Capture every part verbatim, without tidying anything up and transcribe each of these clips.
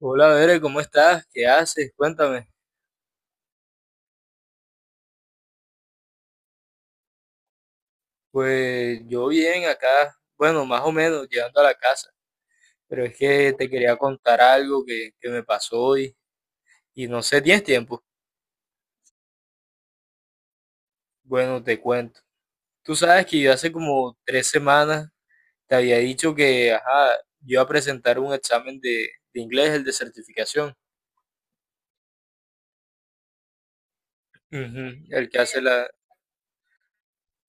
Hola, Bere, ¿cómo estás? ¿Qué haces? Cuéntame. Pues yo bien acá, bueno, más o menos, llegando a la casa. Pero es que te quería contar algo que, que me pasó hoy y no sé, ¿tienes tiempo? Bueno, te cuento. Tú sabes que yo hace como tres semanas te había dicho que, ajá, yo iba a presentar un examen de, de inglés, el de certificación. Ujú, el que hace la...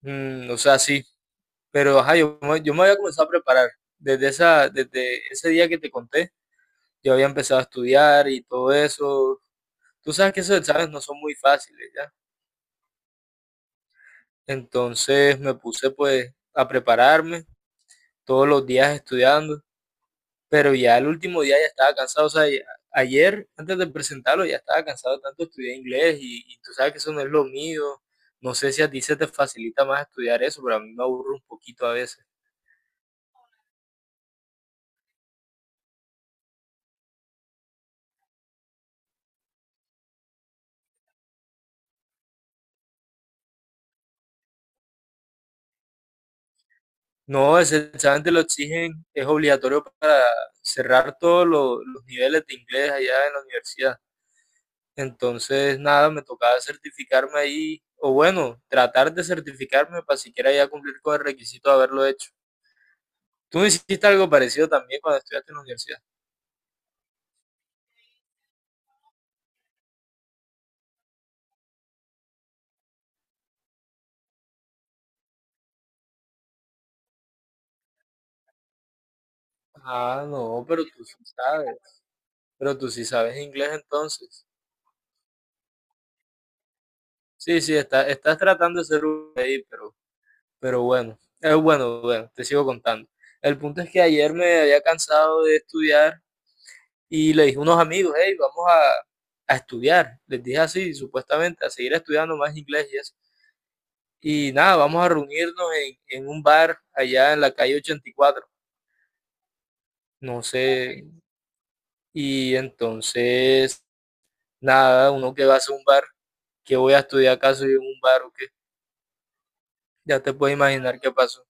mm, o sea, sí. Pero, ajá, yo, me- yo me había comenzado a preparar desde esa, desde ese día que te conté. Yo había empezado a estudiar y todo eso. Tú sabes que esos exámenes no son muy fáciles, ¿ya? Entonces me puse pues a prepararme todos los días estudiando, pero ya el último día ya estaba cansado, o sea, ya- ayer antes de presentarlo ya estaba cansado de tanto estudiar inglés y, y tú sabes que eso no es lo mío. No sé si a ti se te facilita más estudiar eso, pero a mí me aburre un poquito a veces. No, ese examen te lo exigen, es obligatorio para cerrar todos lo- los niveles de inglés allá en la universidad. Entonces, nada, me tocaba certificarme ahí, o bueno, tratar de certificarme para siquiera ya cumplir con el requisito de haberlo hecho. Tú hiciste algo parecido también cuando estudiaste en la universidad. Ah, no, pero tú sí sabes. Pero tú sí sabes inglés entonces. Sí, sí, está, estás tratando de ser un ahí, pero, pero bueno. Eh, bueno, bueno, te sigo contando. El punto es que ayer me había cansado de estudiar y le dije a unos amigos, hey, vamos a, a estudiar. Les dije así, supuestamente, a seguir estudiando más inglés y eso. Y nada, vamos a reunirnos en, en un bar allá en la calle ochenta y cuatro. No sé. Y entonces, nada, uno que va a hacer un bar, que voy a estudiar acaso y en un bar o qué. Ya te puedes imaginar qué pasó.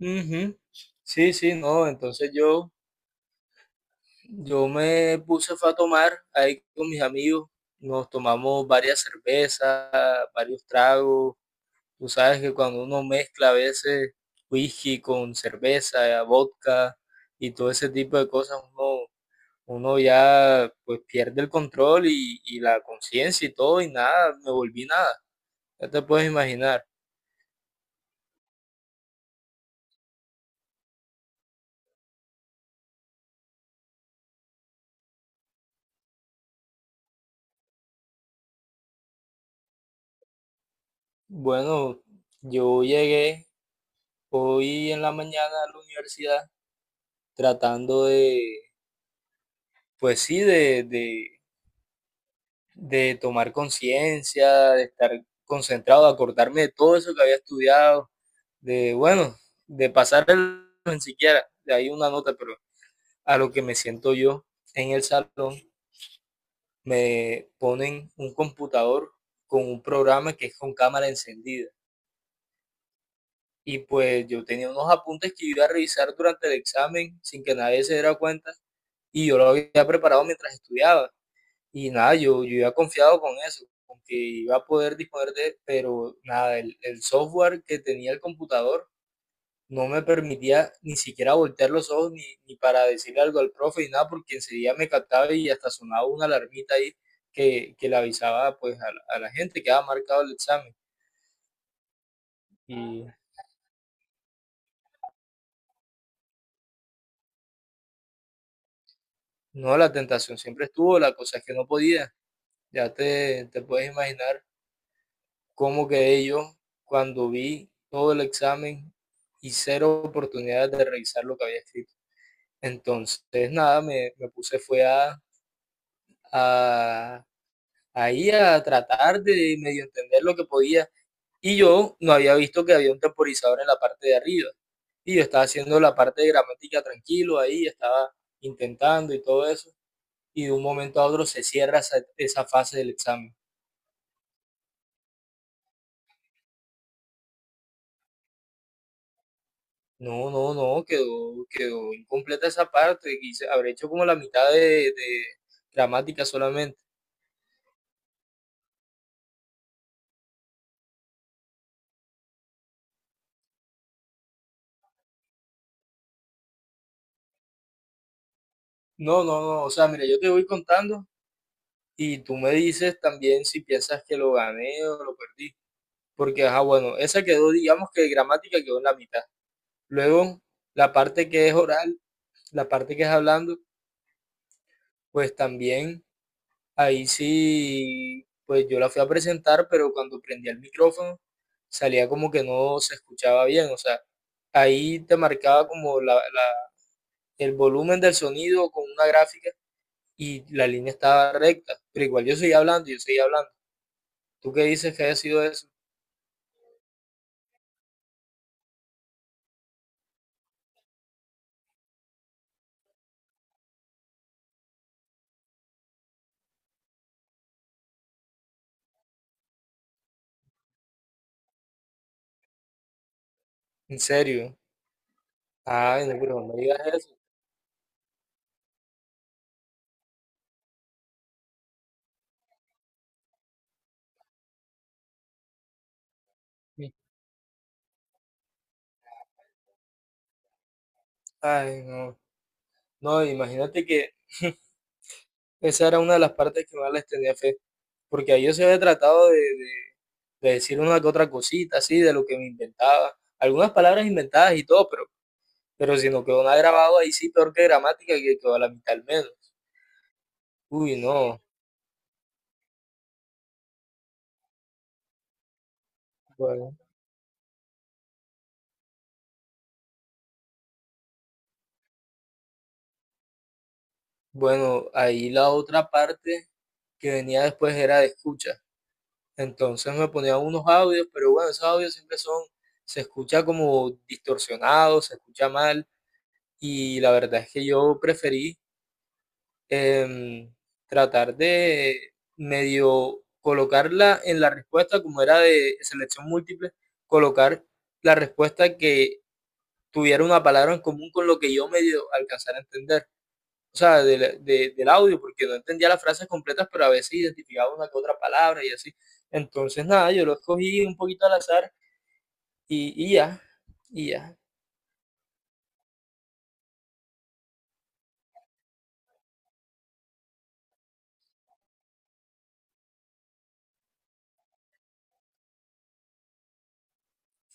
Ujú. Sí, sí, no. Entonces yo, yo me puse fue a tomar ahí con mis amigos. Nos tomamos varias cervezas, varios tragos. Tú sabes que cuando uno mezcla a veces whisky con cerveza, vodka y todo ese tipo de cosas, uno, uno ya pues pierde el control y, y la conciencia y todo y nada, me volví nada. Ya te puedes imaginar. Bueno, yo llegué hoy en la mañana a la universidad tratando de, pues sí, de, de, de tomar conciencia, de estar concentrado, de acordarme de todo eso que había estudiado de, bueno, de pasar el ni siquiera, de ahí una nota, pero a lo que me siento yo en el salón, me ponen un computador con un programa que es con cámara encendida. Y pues yo tenía unos apuntes que iba a revisar durante el examen sin que nadie se diera cuenta y yo lo había preparado mientras estudiaba. Y nada, yo, yo iba confiado con eso, con que iba a poder disponer de, pero nada, el, el software que tenía el computador no me permitía ni siquiera voltear los ojos ni, ni para decirle algo al profe ni nada, porque enseguida me captaba y hasta sonaba una alarmita ahí que, que le avisaba pues a, la- a la gente que había marcado el examen. Y no, la tentación siempre estuvo, la cosa es que no podía. Ya te, te puedes imaginar cómo quedé yo cuando vi todo el examen y cero oportunidades de revisar lo que había escrito. Entonces, nada, me, me puse fue a, a, ahí a tratar de medio entender lo que podía. Y yo no había visto que había un temporizador en la parte de arriba. Y yo estaba haciendo la parte de gramática tranquilo ahí, estaba intentando y todo eso. Y de un momento a otro se cierra esa, esa fase del examen. No, no, no, quedó, quedó incompleta esa parte. Quise, habré hecho como la mitad de, de gramática solamente. No, no, no. O sea, mira, yo te voy contando y tú me dices también si piensas que lo gané o lo perdí. Porque, ajá, bueno, esa quedó, digamos que gramática quedó en la mitad. Luego, la parte que es oral, la parte que es hablando, pues también ahí sí, pues yo la fui a presentar, pero cuando prendía el micrófono salía como que no se escuchaba bien, o sea, ahí te marcaba como la, la, el volumen del sonido con una gráfica y la línea estaba recta, pero igual yo seguía hablando, yo seguía hablando. ¿Tú qué dices que haya sido eso? ¿En serio? Ay, no, pero no me digas eso. Ay, no. No, imagínate que esa era una de las partes que más les tenía fe, porque ahí yo se había tratado de, de, de, decir una que otra cosita, así, de lo que me inventaba, algunas palabras inventadas y todo, pero, pero si no quedó nada grabado, ahí sí, peor que gramática, que quedó a la mitad al menos. Uy, no, bueno, bueno, ahí la otra parte que venía después era de escucha, entonces me ponía unos audios, pero bueno, esos audios siempre son, se escucha como distorsionado, se escucha mal, y la verdad es que yo preferí em, tratar de medio colocarla en la respuesta, como era de selección múltiple, colocar la respuesta que tuviera una palabra en común con lo que yo medio alcanzara a entender. O sea, de de- del audio, porque no entendía las frases completas, pero a veces identificaba una que otra palabra y así. Entonces, nada, yo lo escogí un poquito al azar y, y ya, y ya.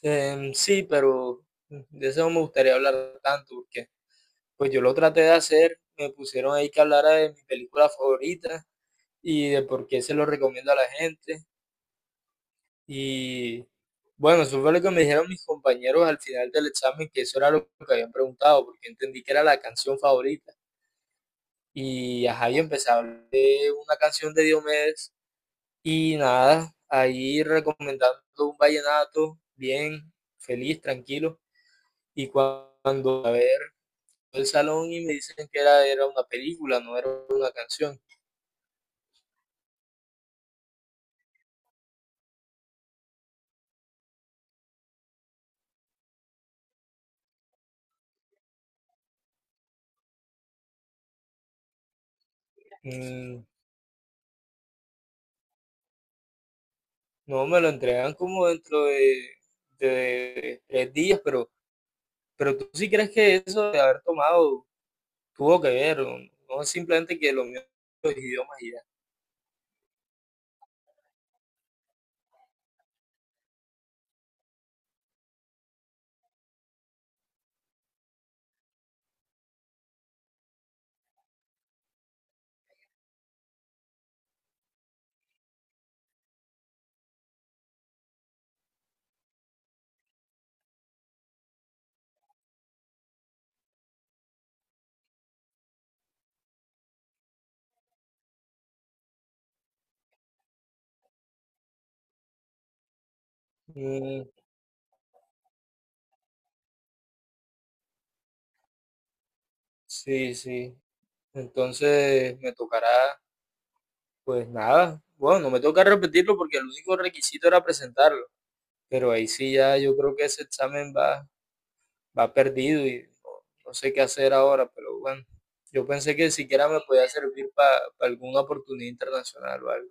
Em, sí, pero de eso no me gustaría hablar tanto, porque pues yo lo traté de hacer, me pusieron ahí que hablara de mi película favorita y de por qué se lo recomiendo a la gente. Y bueno, eso fue lo que me dijeron mis compañeros al final del examen, que eso era lo que habían preguntado, porque entendí que era la canción favorita. Y ajá, yo empecé a hablar de una canción de Diomedes y nada, ahí recomendando un vallenato, bien, feliz, tranquilo. Y cuando a ver el salón y me dicen que era, era, una película, no era una canción. Mm, no, me lo entregan como dentro de, de tres días, pero, pero tú sí crees que eso de haber tomado tuvo que ver, o no es simplemente que lo mío son los idiomas y ya. Mm, sí, sí. Entonces me tocará, pues nada. Bueno, no me toca repetirlo porque el único requisito era presentarlo, pero ahí sí ya yo creo que ese examen va va perdido y no, no sé qué hacer ahora, pero bueno, yo pensé que siquiera me podía servir para alguna oportunidad internacional o algo.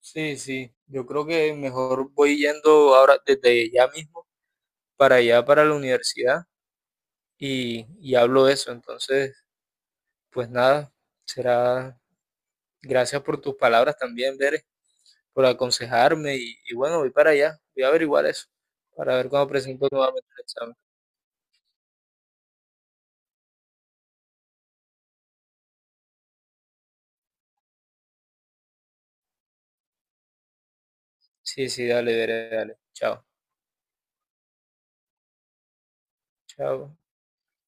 Sí, sí, yo creo que mejor voy yendo ahora desde ya mismo para allá, para la universidad y, y hablo de eso. Entonces, pues nada, será gracias por tus palabras también, Bere, por aconsejarme y, y bueno, voy para allá, voy a averiguar eso para ver cuándo presento nuevamente el examen. Sí, sí, dale, Bere, dale. Chao, chao.